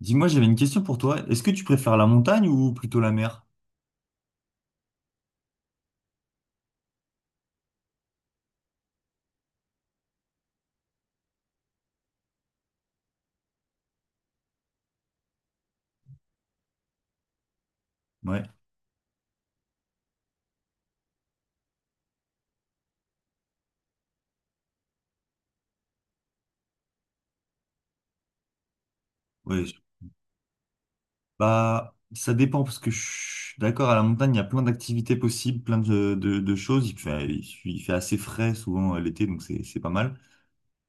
Dis-moi, j'avais une question pour toi. Est-ce que tu préfères la montagne ou plutôt la mer? Ouais, ouais. Bah, ça dépend parce que je suis d'accord, à la montagne, il y a plein d'activités possibles, plein de choses. Il fait assez frais souvent l'été, donc c'est pas mal.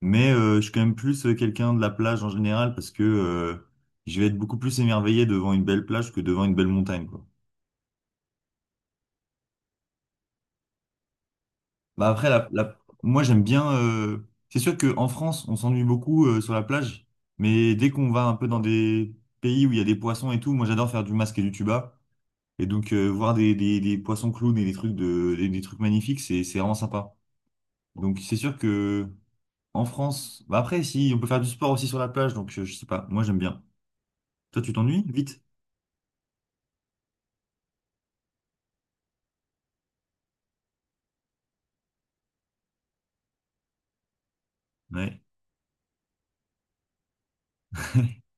Mais je suis quand même plus quelqu'un de la plage en général parce que je vais être beaucoup plus émerveillé devant une belle plage que devant une belle montagne, quoi. Bah après, moi j'aime bien. C'est sûr qu'en France, on s'ennuie beaucoup sur la plage, mais dès qu'on va un peu dans des pays où il y a des poissons et tout, moi j'adore faire du masque et du tuba. Et donc voir des poissons clowns et des trucs de, des trucs magnifiques, c'est vraiment sympa. Donc c'est sûr que en France, bah après, si on peut faire du sport aussi sur la plage, donc je sais pas, moi j'aime bien. Toi, tu t'ennuies vite? Ouais.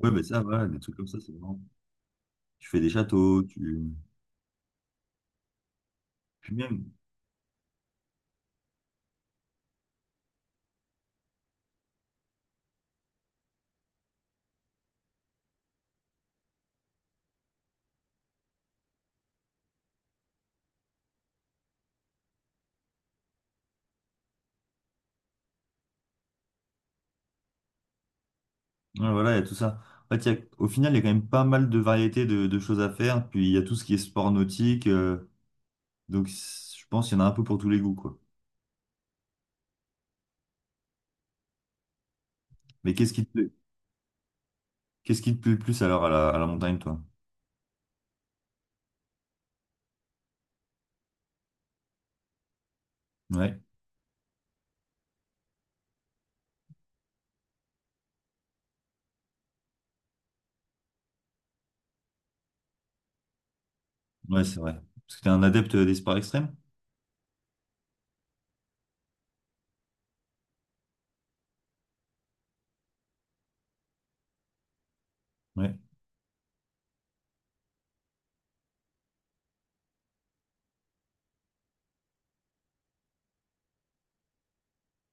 Ouais, bah ça, voilà, des trucs comme ça, c'est vraiment. Tu fais des châteaux, tu. Puis même. Ouais, voilà, il y a tout ça. En fait, au final, il y a quand même pas mal de variétés de choses à faire. Puis il y a tout ce qui est sport nautique. Je pense qu'il y en a un peu pour tous les goûts, quoi. Mais qu'est-ce qui te plaît? Qu'est-ce qui te plaît le plus alors à à la montagne, toi? Ouais, ouais, c'est vrai. Parce que t'es un adepte des sports extrêmes? Ouais,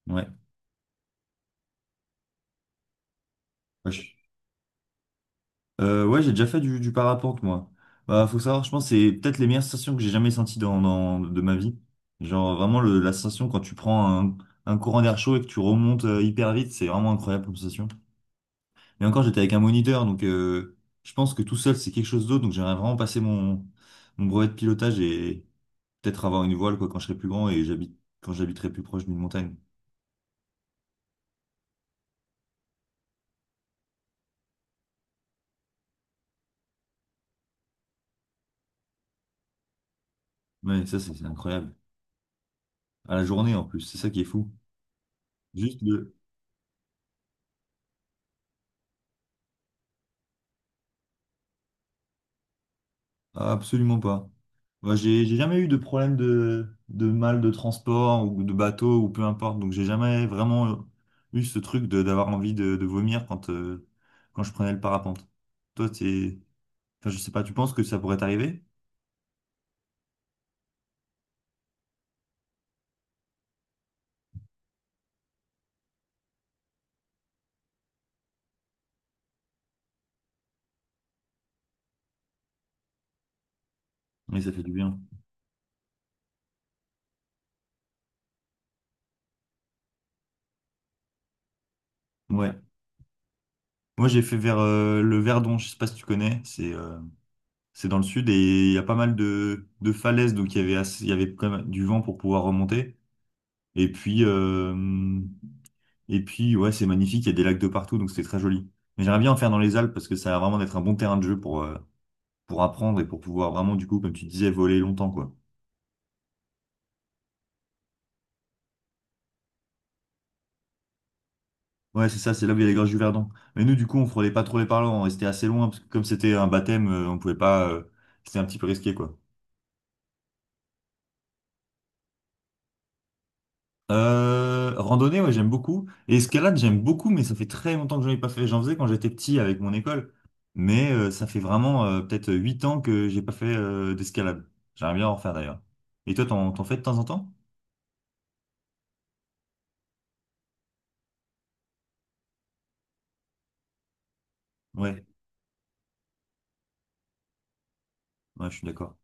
ouais. Ouais, je- ouais, j'ai déjà fait du parapente, moi. Bah, faut savoir, je pense que c'est peut-être les meilleures sensations que j'ai jamais senties de ma vie. Genre vraiment la sensation quand tu prends un courant d'air chaud et que tu remontes hyper vite, c'est vraiment incroyable comme sensation. Et encore, j'étais avec un moniteur, donc je pense que tout seul, c'est quelque chose d'autre. Donc j'aimerais vraiment passer mon brevet de pilotage et peut-être avoir une voile quoi, quand je serai plus grand et j'habite quand j'habiterai plus proche d'une montagne. Ouais, ça, c'est incroyable. À la journée en plus, c'est ça qui est fou. Juste le... Ah, absolument pas. Moi, j'ai jamais eu de problème de mal de transport ou de bateau ou peu importe. Donc j'ai jamais vraiment eu ce truc de d'avoir envie de vomir quand, quand je prenais le parapente. Toi, t'es... Enfin, je sais pas, tu penses que ça pourrait t'arriver? Oui, ça fait du bien. Ouais. Moi, j'ai fait vers le Verdon, je sais pas si tu connais, c'est dans le sud et il y a pas mal de falaises, donc il y avait il y avait quand même du vent pour pouvoir remonter. Et puis, euh, et puis ouais, c'est magnifique, il y a des lacs de partout, donc c'était très joli. Mais j'aimerais bien en faire dans les Alpes parce que ça a vraiment d'être un bon terrain de jeu pour apprendre et pour pouvoir vraiment, du coup, comme tu disais, voler longtemps, quoi. Ouais, c'est ça, c'est là où il y a les gorges du Verdon. Mais nous, du coup, on frôlait pas trop les parlants, on restait assez loin, parce que comme c'était un baptême, on pouvait pas, c'était un petit peu risqué, quoi. Randonnée, ouais, j'aime beaucoup. Et escalade, j'aime beaucoup, mais ça fait très longtemps que j'en ai pas fait. J'en faisais quand j'étais petit avec mon école. Mais ça fait vraiment peut-être 8 ans que j'ai pas fait d'escalade. J'aimerais bien en refaire d'ailleurs. Et toi, t'en fais de temps en temps? Ouais, ouais, je suis d'accord.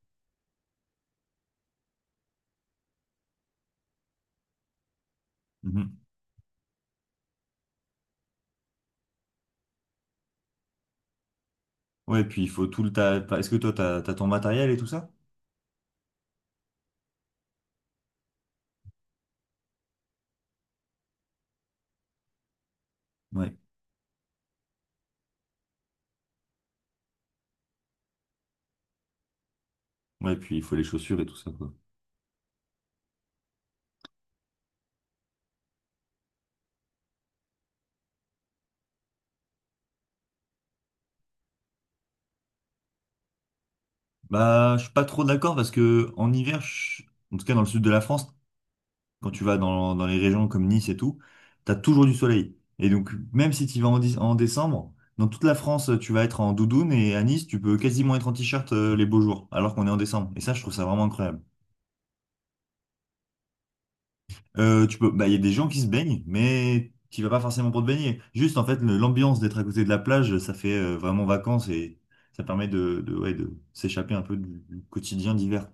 Mhm. Ouais, puis il faut tout le... enfin, est-ce que toi, t'as ton matériel et tout ça? Ouais. Ouais, puis il faut les chaussures et tout ça, quoi. Bah, je suis pas trop d'accord parce que en hiver, en tout cas dans le sud de la France, quand tu vas dans les régions comme Nice et tout, tu as toujours du soleil. Et donc, même si tu vas en décembre, dans toute la France, tu vas être en doudoune et à Nice, tu peux quasiment être en t-shirt les beaux jours, alors qu'on est en décembre. Et ça, je trouve ça vraiment incroyable. Tu peux, bah, il y a des gens qui se baignent, mais tu vas pas forcément pour te baigner. Juste, en fait, l'ambiance d'être à côté de la plage, ça fait vraiment vacances et ça permet de ouais, de s'échapper un peu du quotidien d'hiver.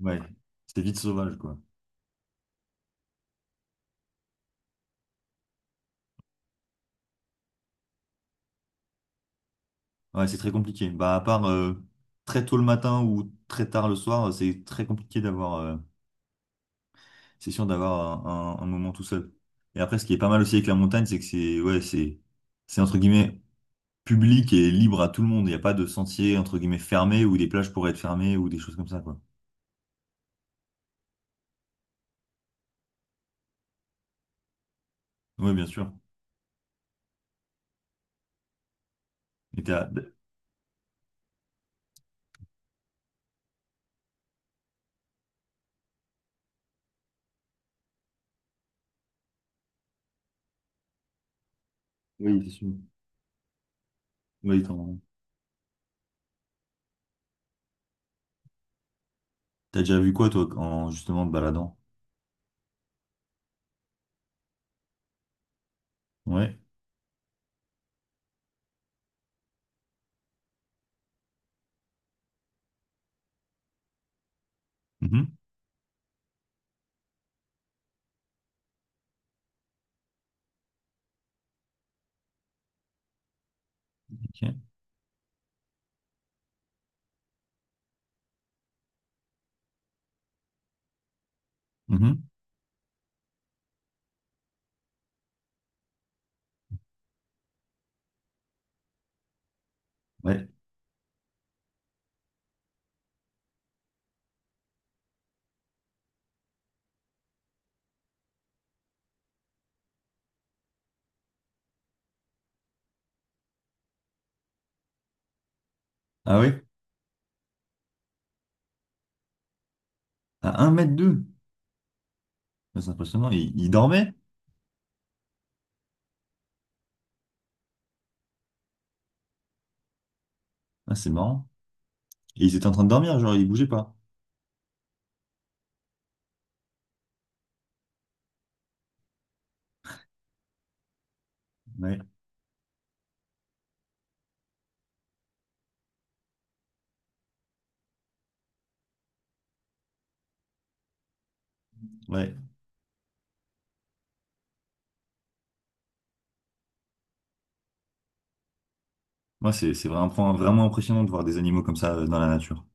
Ouais, c'est vite sauvage, quoi. Ouais, c'est très compliqué. Bah, à part très tôt le matin ou très tard le soir, c'est très compliqué d'avoir, c'est sûr d'avoir un moment tout seul. Et après, ce qui est pas mal aussi avec la montagne, c'est que c'est entre guillemets public et libre à tout le monde. Il n'y a pas de sentier entre guillemets fermé ou des plages pourraient être fermées ou des choses comme ça, quoi. Oui, bien sûr. Et t'as, oui, c'est sûr. Oui, t'en- t'as déjà vu quoi, toi, en justement te baladant? Ouais. Mhm. Ok. Mhm. Ouais. Ah ouais? À un mètre deux. C'est impressionnant. Il dormait? Ah, c'est marrant. Et ils étaient en train de dormir, genre ils bougeaient pas. Ouais, ouais. Moi, c'est vraiment, vraiment impressionnant de voir des animaux comme ça dans la nature.